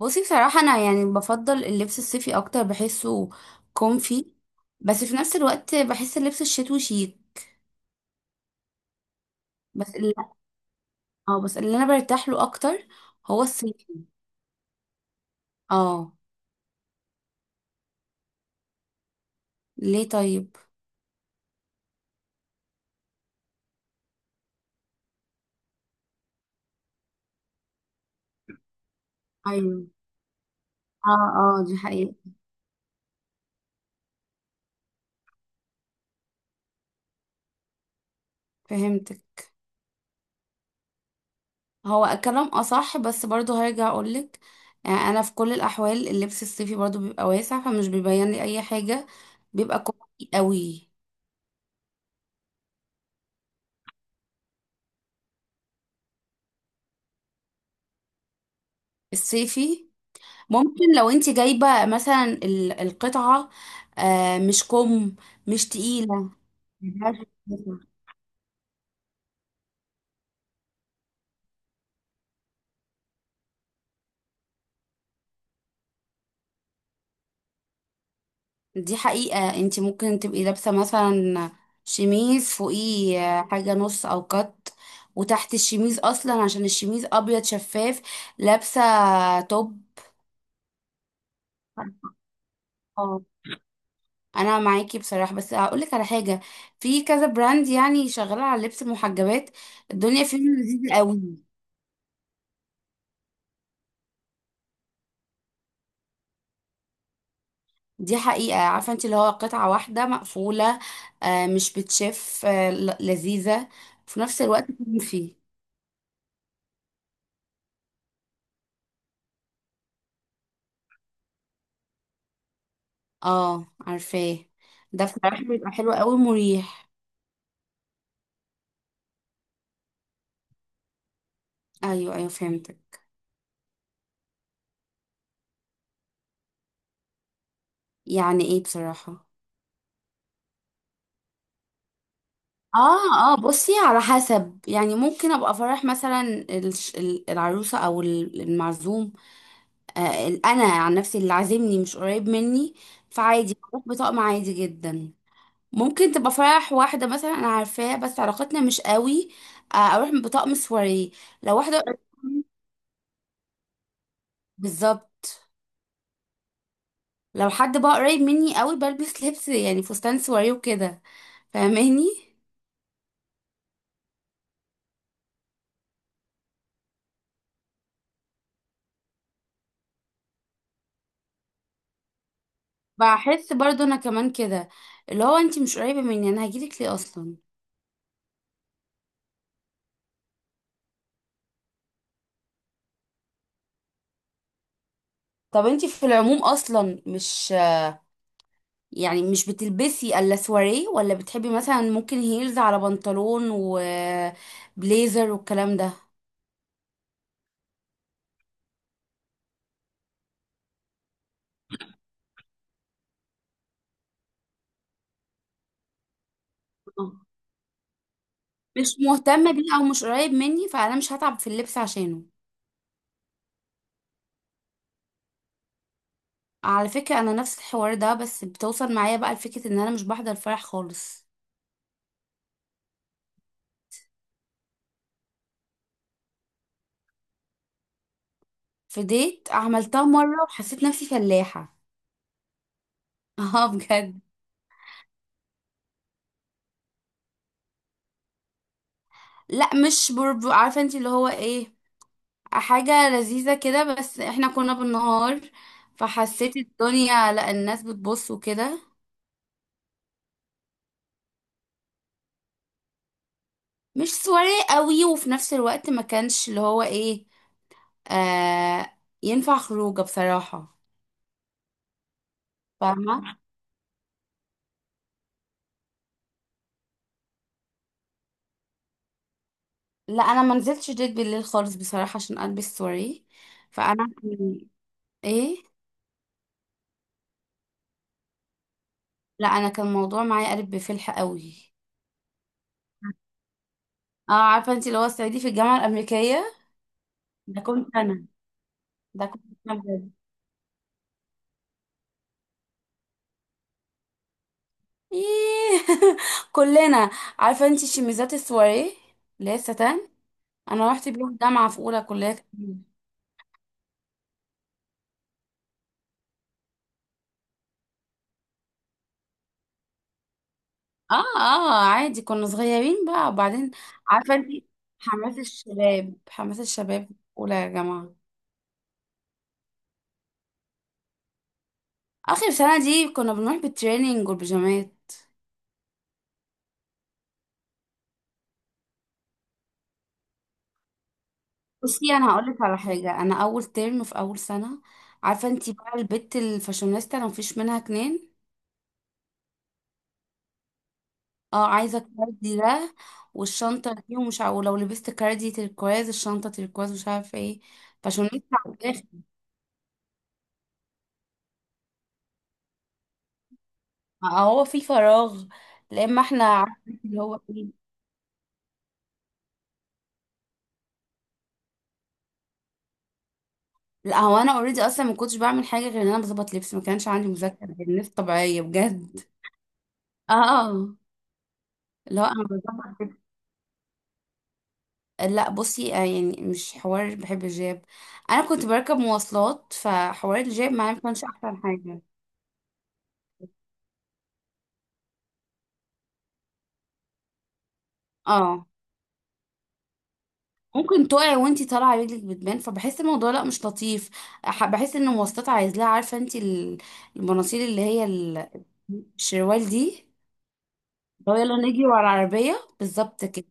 بصي، بصراحة أنا يعني بفضل اللبس الصيفي أكتر، بحسه كومفي. بس في نفس الوقت بحس اللبس الشتوي شيك. بس اللي اه بس اللي أنا برتاح له أكتر هو الصيفي. اه. ليه طيب؟ أيوه. اه، اه، دي حقيقة. فهمتك. هو كلام أصح، بس برضه هرجع أقولك. أنا في كل الأحوال اللبس الصيفي برضه بيبقى واسع، فمش بيبين لي أي حاجة، بيبقى كومفي قوي. الصيفي. ممكن لو انت جايبة مثلا القطعة. مش كم، مش تقيلة. دي حقيقة. انت ممكن تبقي لابسة مثلا شميز فوقيه، حاجة نص او كت، وتحت الشميز اصلا عشان الشميز ابيض شفاف، لابسة توب. اه، انا معاكي بصراحة، بس هقولك على حاجة. في كذا براند يعني شغالة على لبس المحجبات، الدنيا فيهم لذيذة قوي. دي حقيقة. عارفة انت اللي هو قطعة واحدة مقفولة، مش بتشف، لذيذة في نفس الوقت. فيه. اه، عارفاه. ده بصراحة بيبقى حلو قوي، مريح. ايوه، ايوه، فهمتك. يعني ايه بصراحة. اه، اه، بصي، على حسب. يعني ممكن ابقى فرح مثلا العروسة او المعزوم. انا عن نفسي اللي عازمني مش قريب مني، فعادي بروح بطقم عادي جدا. ممكن تبقى فرح واحدة مثلا أنا عارفاه بس علاقتنا مش قوي، أروح بطقم سواريه. لو واحدة قريبة مني- بالظبط. لو حد بقى قريب مني قوي، بلبس لبس يعني فستان سواريه وكده. فاهماني. بحس برضو أنا كمان كده، اللي هو أنتي مش قريبة مني أنا هجيلك ليه أصلا؟ طب أنتي في العموم أصلا مش يعني مش بتلبسي إلا سواريه؟ ولا بتحبي مثلا ممكن هيلز على بنطلون وبليزر والكلام ده؟ مش مهتم بيه او مش قريب مني، فانا مش هتعب في اللبس عشانه. على فكرة، انا نفس الحوار ده بس بتوصل معايا بقى لفكرة ان انا مش بحضر فرح خالص. في ديت عملتها مرة، وحسيت نفسي فلاحة. اه، بجد. لا، مش برب. عارفة انت اللي هو ايه، حاجة لذيذة كده، بس احنا كنا بالنهار، فحسيت الدنيا، لا، الناس بتبص وكده. مش سواري قوي، وفي نفس الوقت ما كانش اللي هو ايه، ينفع خروجه بصراحة. فاهمة. لا، انا ما نزلتش ديت بالليل خالص بصراحه، عشان البس واريه. فانا كان- ايه. لا، انا كان الموضوع معايا قلب بفلح قوي. اه، عارفه انت اللي هو الصعيدي في الجامعه الامريكيه، ده كنت انا. ده كنت انا، بجد. إيه. كلنا. عارفه انت شميزات السواريه، اللي هي الستان، انا رحت بيهم الجامعه في اولى كليه تجميل. اه، اه، عادي، كنا صغيرين بقى وبعدين. عارفه انت، حماس الشباب حماس الشباب، اولى يا جماعه. اخر سنه دي كنا بنروح بالتريننج والبيجامات. بصي، انا هقولك على حاجه. انا اول ترم في اول سنه، عارفه انتي بقى البت الفاشونيستا، انا مفيش منها اتنين. اه، عايزه كاردي ده والشنطه دي، ومش عارفه، ولو لبست كاردي تركواز الشنطه تركواز، مش عارفه ايه. فاشونيستا على الاخر. هو في فراغ. لا، اما احنا، عارفه اللي هو ايه. لا، هو انا اوريدي اصلا ما كنتش بعمل حاجه غير ان انا بظبط لبس، ما كانش عندي مذاكره، الناس طبيعيه بجد. اه. لا انا بظبط. لا بصي، يعني مش حوار بحب الجاب. انا كنت بركب مواصلات، فحوار الجاب معايا ما كانش احسن حاجه. اه، ممكن تقعي وانتي طالعه رجلك بتبان، فبحس الموضوع لا مش لطيف. بحس ان المواصلات عايز لها، عارفه انتي المناصيل، اللي هي الشروال دي. لو يلا نجري ورا العربيه بالظبط كده.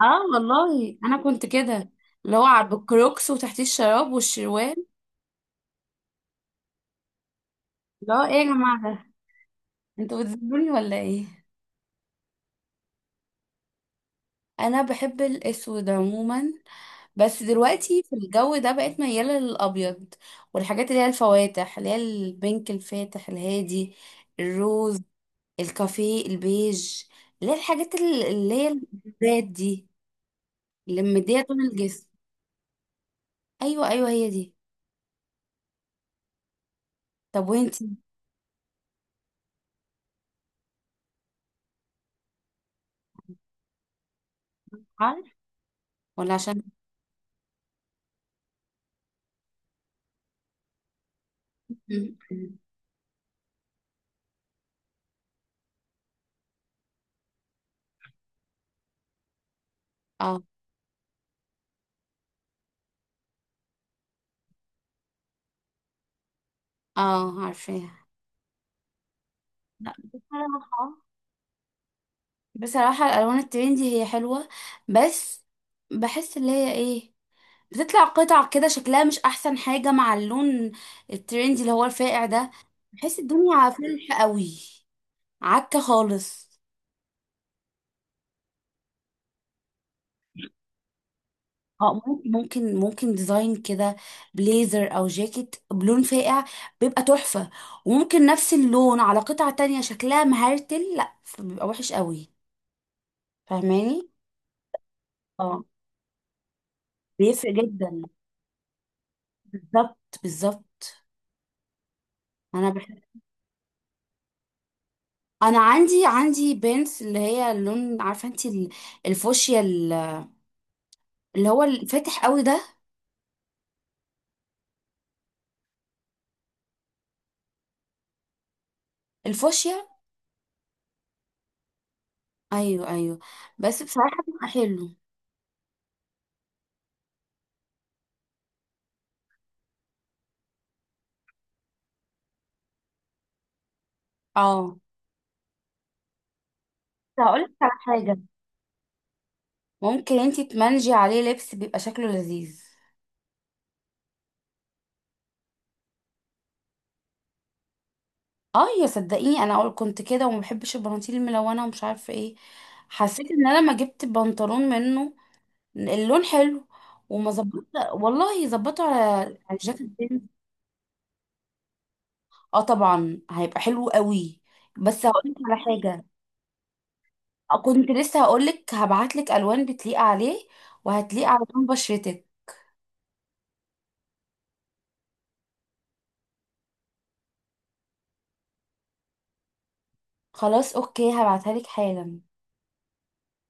اه والله انا كنت كده، اللي هو على الكروكس وتحتيه الشراب والشروال. اللي هو ايه يا جماعه ده، انتوا بتذلوني ولا ايه؟ انا بحب الاسود عموما، بس دلوقتي في الجو ده بقت ميالة للأبيض، والحاجات اللي هي الفواتح، اللي هي البينك الفاتح الهادي، الروز، الكافيه، البيج، اللي هي الحاجات اللي هي الزيت دي، اللي مدية طول الجسم. أيوة، أيوة، هي دي. طب وانتي؟ عارف. ولا عشان. اه، اه، عارفاها. لا، بصراحة الألوان الترندي هي حلوة، بس بحس اللي هي ايه، بتطلع قطع كده شكلها مش احسن حاجة مع اللون الترندي اللي هو الفاقع ده. بحس الدنيا فلح قوي، عكة خالص. اه، ممكن ديزاين كده، بليزر او جاكيت بلون فاقع، بيبقى تحفة. وممكن نفس اللون على قطعة تانية شكلها مهرتل، لا بيبقى وحش قوي. فاهماني. اه، بيفرق جدا، بالظبط، بالظبط. انا بحب، انا عندي بنت اللي هي اللون، عارفه انت، الفوشيا، اللي هو الفاتح قوي ده. الفوشيا. ايوه، ايوه، بس بصراحه بيبقى حلو. اه، هقول لك على حاجه، ممكن انتي تمنجي عليه لبس بيبقى شكله لذيذ. اه، يا صدقيني، انا اقول كنت كده وما بحبش البناطيل الملونه ومش عارفه ايه. حسيت ان انا لما جبت بنطلون منه، اللون حلو، وما ظبط. والله ظبطه على، على الجاكيت بينك. اه، طبعا هيبقى حلو قوي. بس هقول لك على حاجه، كنت لسه هقولك هبعتلك الوان بتليق عليه، وهتليق على لون بشرتك. خلاص، اوكي، هبعتها لك حالا.